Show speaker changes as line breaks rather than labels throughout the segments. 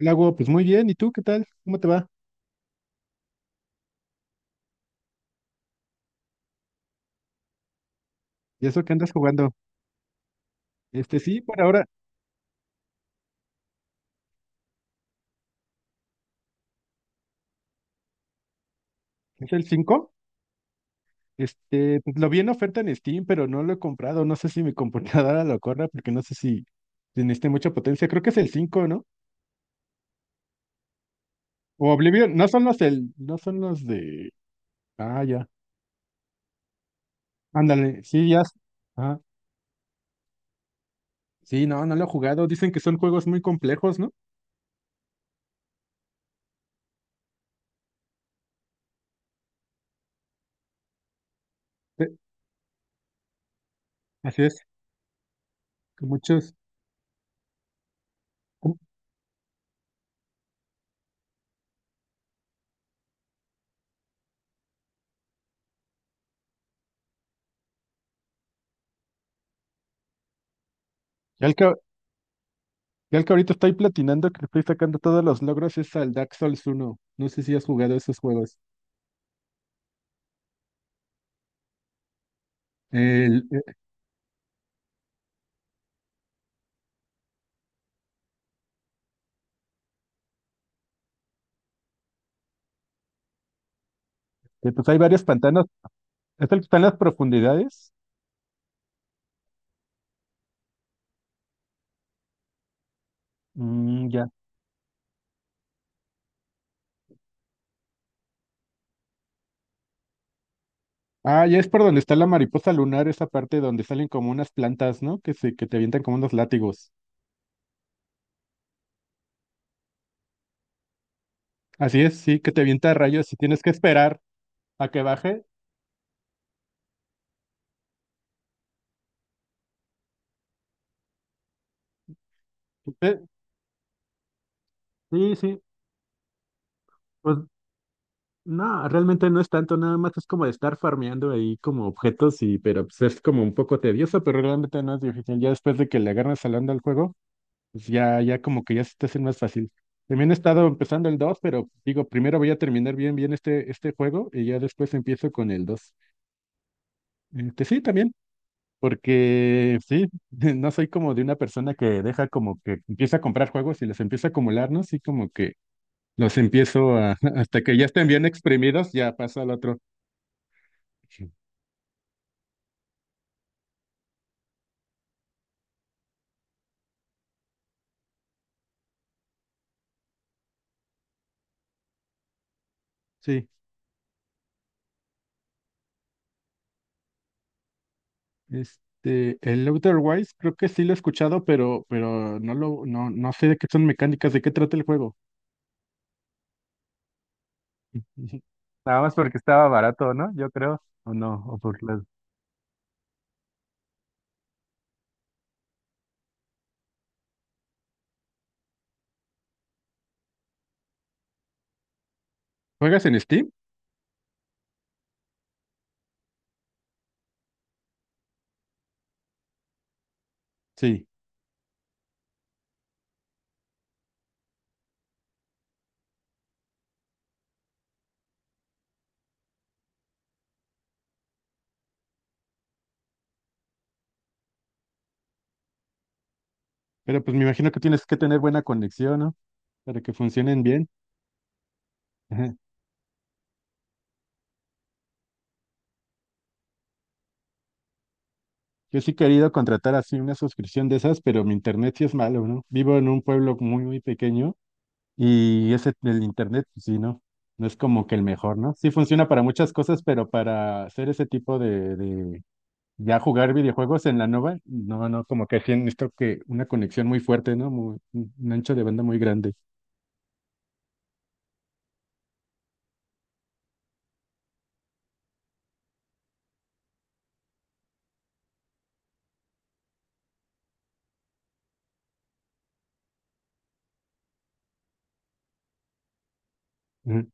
Lago, pues muy bien. ¿Y tú qué tal? ¿Cómo te va? ¿Y eso que andas jugando? Este sí, por ahora es el cinco. Este, pues, lo vi en oferta en Steam, pero no lo he comprado. No sé si mi computadora lo corra porque no sé si necesite mucha potencia. Creo que es el cinco, ¿no? O Oblivion, no son los de. Ah, ya. Ándale, sí, ya. Ah, sí, no, no lo he jugado. Dicen que son juegos muy complejos, ¿no? Eh, Así es, que muchos. Ya el que, Ya el que ahorita estoy platinando, que le estoy sacando todos los logros, es al Dark Souls 1. No sé si has jugado esos juegos. El, eh, que, pues hay varios pantanos. ¿Es el que está en las profundidades? Mm, ya. Ah, ya es por donde está la mariposa lunar, esa parte donde salen como unas plantas, ¿no? Que te avientan como unos látigos. Así es, sí, que te avienta rayos y tienes que esperar a que baje. Eh, Sí, sí. Pues no, realmente no es tanto, nada más es como de estar farmeando ahí como objetos y, pero pues es como un poco tedioso, pero realmente no es difícil. Ya después de que le agarras al onda al juego, pues ya, ya como que ya se te hace más fácil. También he estado empezando el 2, pero digo, primero voy a terminar bien, bien este juego y ya después empiezo con el 2. Este, sí, también, porque sí, no soy como de una persona que deja como que empieza a comprar juegos y los empieza a acumular, ¿no? Sí, como que los empiezo a, hasta que ya estén bien exprimidos, ya paso al otro. Sí, este, el Outer Wilds creo que sí lo he escuchado, pero no, no sé de qué son mecánicas, de qué trata el juego. Nada más porque estaba barato, ¿no? Yo creo, o no, o por las. ¿Juegas en Steam? Sí, pero pues me imagino que tienes que tener buena conexión, ¿no? Para que funcionen bien. Ajá. Yo sí he querido contratar así una suscripción de esas, pero mi internet sí es malo, ¿no? Vivo en un pueblo muy, muy pequeño. Y ese, el internet, pues sí, ¿no? No es como que el mejor, ¿no? Sí funciona para muchas cosas, pero para hacer ese tipo de ya jugar videojuegos en la nova, no, no, como que sí necesito que una conexión muy fuerte, ¿no? Muy, un ancho de banda muy grande. Ujú.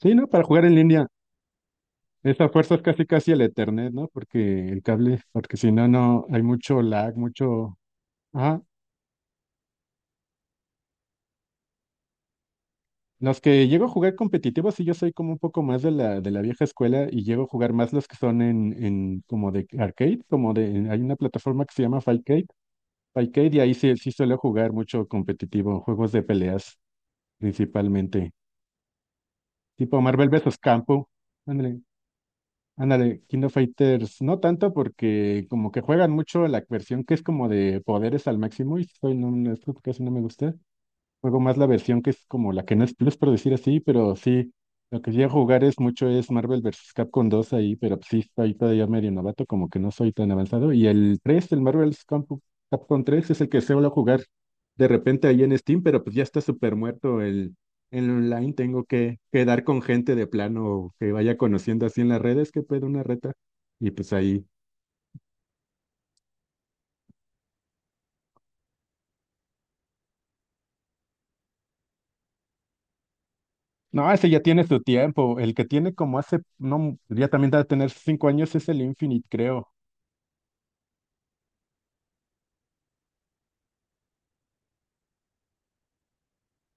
Sí, ¿no? Para jugar en línea, esa fuerza es casi casi el Ethernet, ¿no? Porque el cable, porque si no, no, hay mucho lag, mucho, ajá. Los que llego a jugar competitivos, sí, yo soy como un poco más de la vieja escuela y llego a jugar más los que son en como de arcade, hay una plataforma que se llama Fightcade y ahí sí, sí suelo jugar mucho competitivo, juegos de peleas principalmente, tipo Marvel vs. Campo, ándale, ándale, Kingdom Fighters, no tanto porque como que juegan mucho la versión que es como de poderes al máximo y soy no, no, esto casi no me gusta. Juego más la versión que es como la que no es plus, por decir así, pero sí, lo que llego a jugar es mucho es Marvel vs. Capcom 2 ahí, pero pues, sí, estoy todavía medio novato, como que no soy tan avanzado. Y el 3, el Marvel versus Capcom 3 es el que suelo jugar de repente ahí en Steam, pero pues ya está súper muerto el online. Tengo que quedar con gente de plano que vaya conociendo así en las redes, que puede una reta. Y pues ahí. No, ese ya tiene su tiempo. El que tiene como hace, no, ya también debe tener 5 años es el Infinite, creo.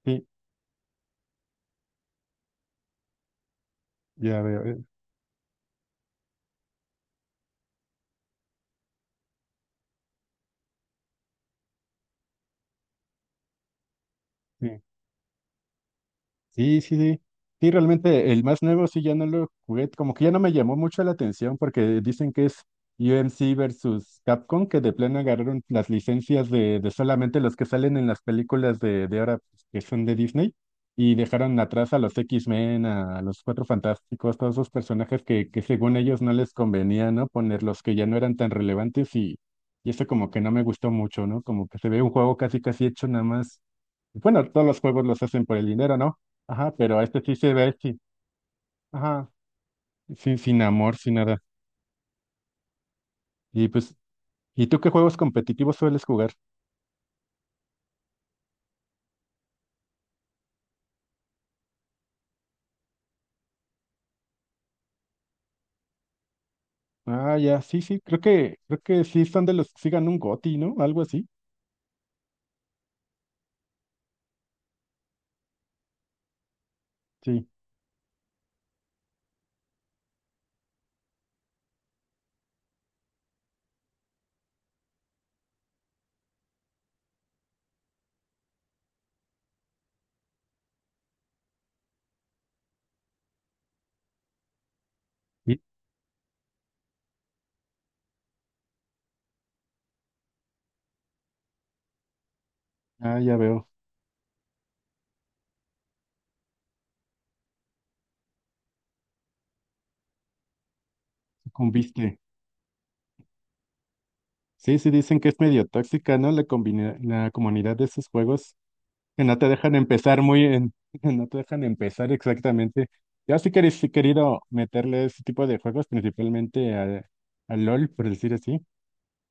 Sí, ya veo, sí. Sí, sí, sí. Sí, realmente el más nuevo sí ya no lo jugué, como que ya no me llamó mucho la atención porque dicen que es U M C versus Capcom, que de plano agarraron las licencias de solamente los que salen en las películas de ahora pues, que son de Disney y dejaron atrás a los X-Men, a, los Cuatro Fantásticos, todos esos personajes que según ellos no les convenía, ¿no? Poner los que ya no eran tan relevantes y eso como que no me gustó mucho, ¿no? Como que se ve un juego casi casi hecho nada más. Bueno, todos los juegos los hacen por el dinero, ¿no? Ajá, pero este sí se ve, sí. Ajá, sin amor, sin nada. Y pues, ¿y tú qué juegos competitivos sueles jugar? Ah, ya, sí, sí, creo que sí son de los que sigan un GOTY, ¿no? Algo así. Sí. Y- Ah, ya veo, sucumbiste. Sí, sí, dicen que es medio tóxica, ¿no? La comunidad de esos juegos, que no te dejan empezar muy en, no te dejan empezar exactamente. Yo sí que he querido meterle ese tipo de juegos, principalmente a LOL, por decir así.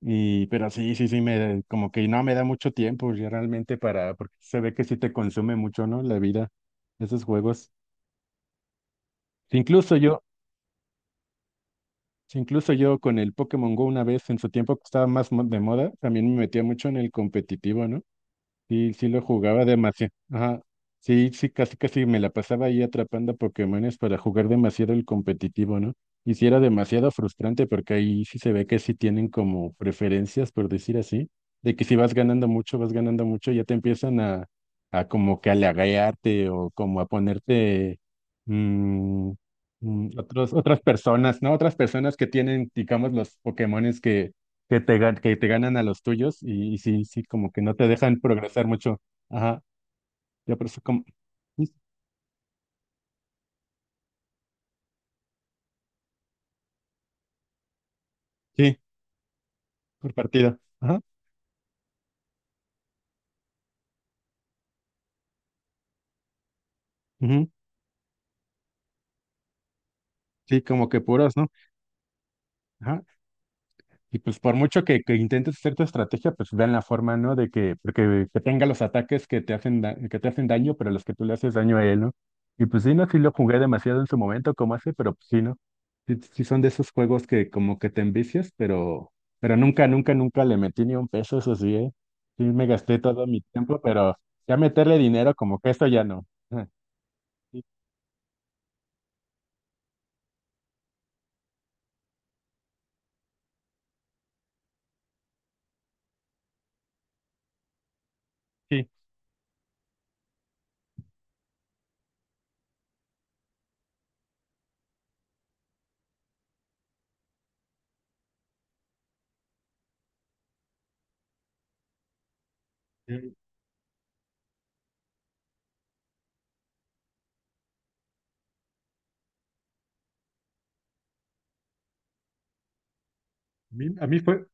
Y, pero sí, sí, sí, me, como que no me da mucho tiempo ya realmente para, porque se ve que sí te consume mucho, ¿no? La vida, esos juegos. Si Incluso yo, si incluso yo con el Pokémon Go una vez en su tiempo que estaba más de moda, también me metía mucho en el competitivo, ¿no? Sí, sí lo jugaba demasiado. Ajá. Sí, sí, casi casi me la pasaba ahí atrapando Pokémones para jugar demasiado el competitivo, ¿no? Y sí era demasiado frustrante porque ahí sí se ve que sí tienen como preferencias, por decir así, de que si vas ganando mucho, vas ganando mucho, ya te empiezan a como que halagarte o como a ponerte mm, otras personas, ¿no? Otras personas que tienen, digamos, los Pokémones que que te ganan a los tuyos y sí, sí, como que no te dejan progresar mucho. Ajá, ya por eso como, sí, por partida. Ajá, ujú, sí, como que puros, ¿no? Ajá, y pues por mucho que intentes hacer tu estrategia, pues vean la forma, ¿no? De que, porque que tenga los ataques que te hacen daño, pero los que tú le haces daño a él, ¿no? Y pues sí, no, sí lo jugué demasiado en su momento, como hace, pero pues sí, ¿no? Sí, sí son de esos juegos que como que te envicias, pero nunca, nunca, nunca le metí ni un peso, eso sí, ¿eh? Sí me gasté todo mi tiempo, pero ya meterle dinero como que esto ya no. Sí, sí. Eh, A mí, a mí fue,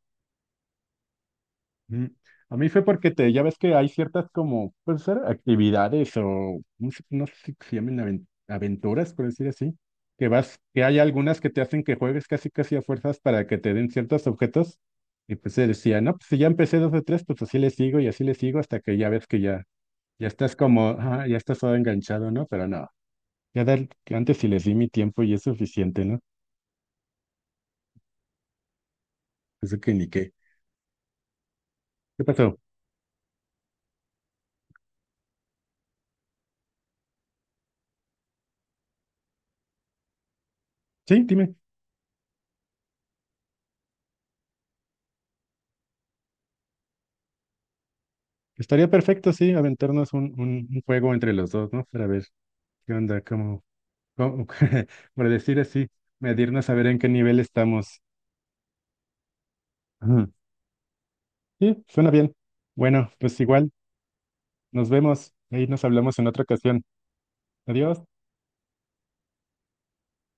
Mm. A mí fue porque te, ya ves que hay ciertas como, pues ser, actividades o no sé si se llaman aventuras, por decir así, que vas, que hay algunas que te hacen que juegues casi casi a fuerzas para que te den ciertos objetos. Y pues se decía, no, pues si ya empecé dos de tres, pues así le sigo y así le sigo hasta que ya ves que ya, ya estás como, ah, ya estás todo enganchado, ¿no? Pero no, antes sí les di mi tiempo y es suficiente, ¿no? Eso que ni qué. ¿Qué pasó? Sí, dime. Estaría perfecto, sí, aventarnos un, un juego entre los dos, ¿no? Para ver qué onda, cómo, por decir así, medirnos a ver en qué nivel estamos. Ujú. Sí, suena bien. Bueno, pues igual, nos vemos. Ahí nos hablamos en otra ocasión. Adiós.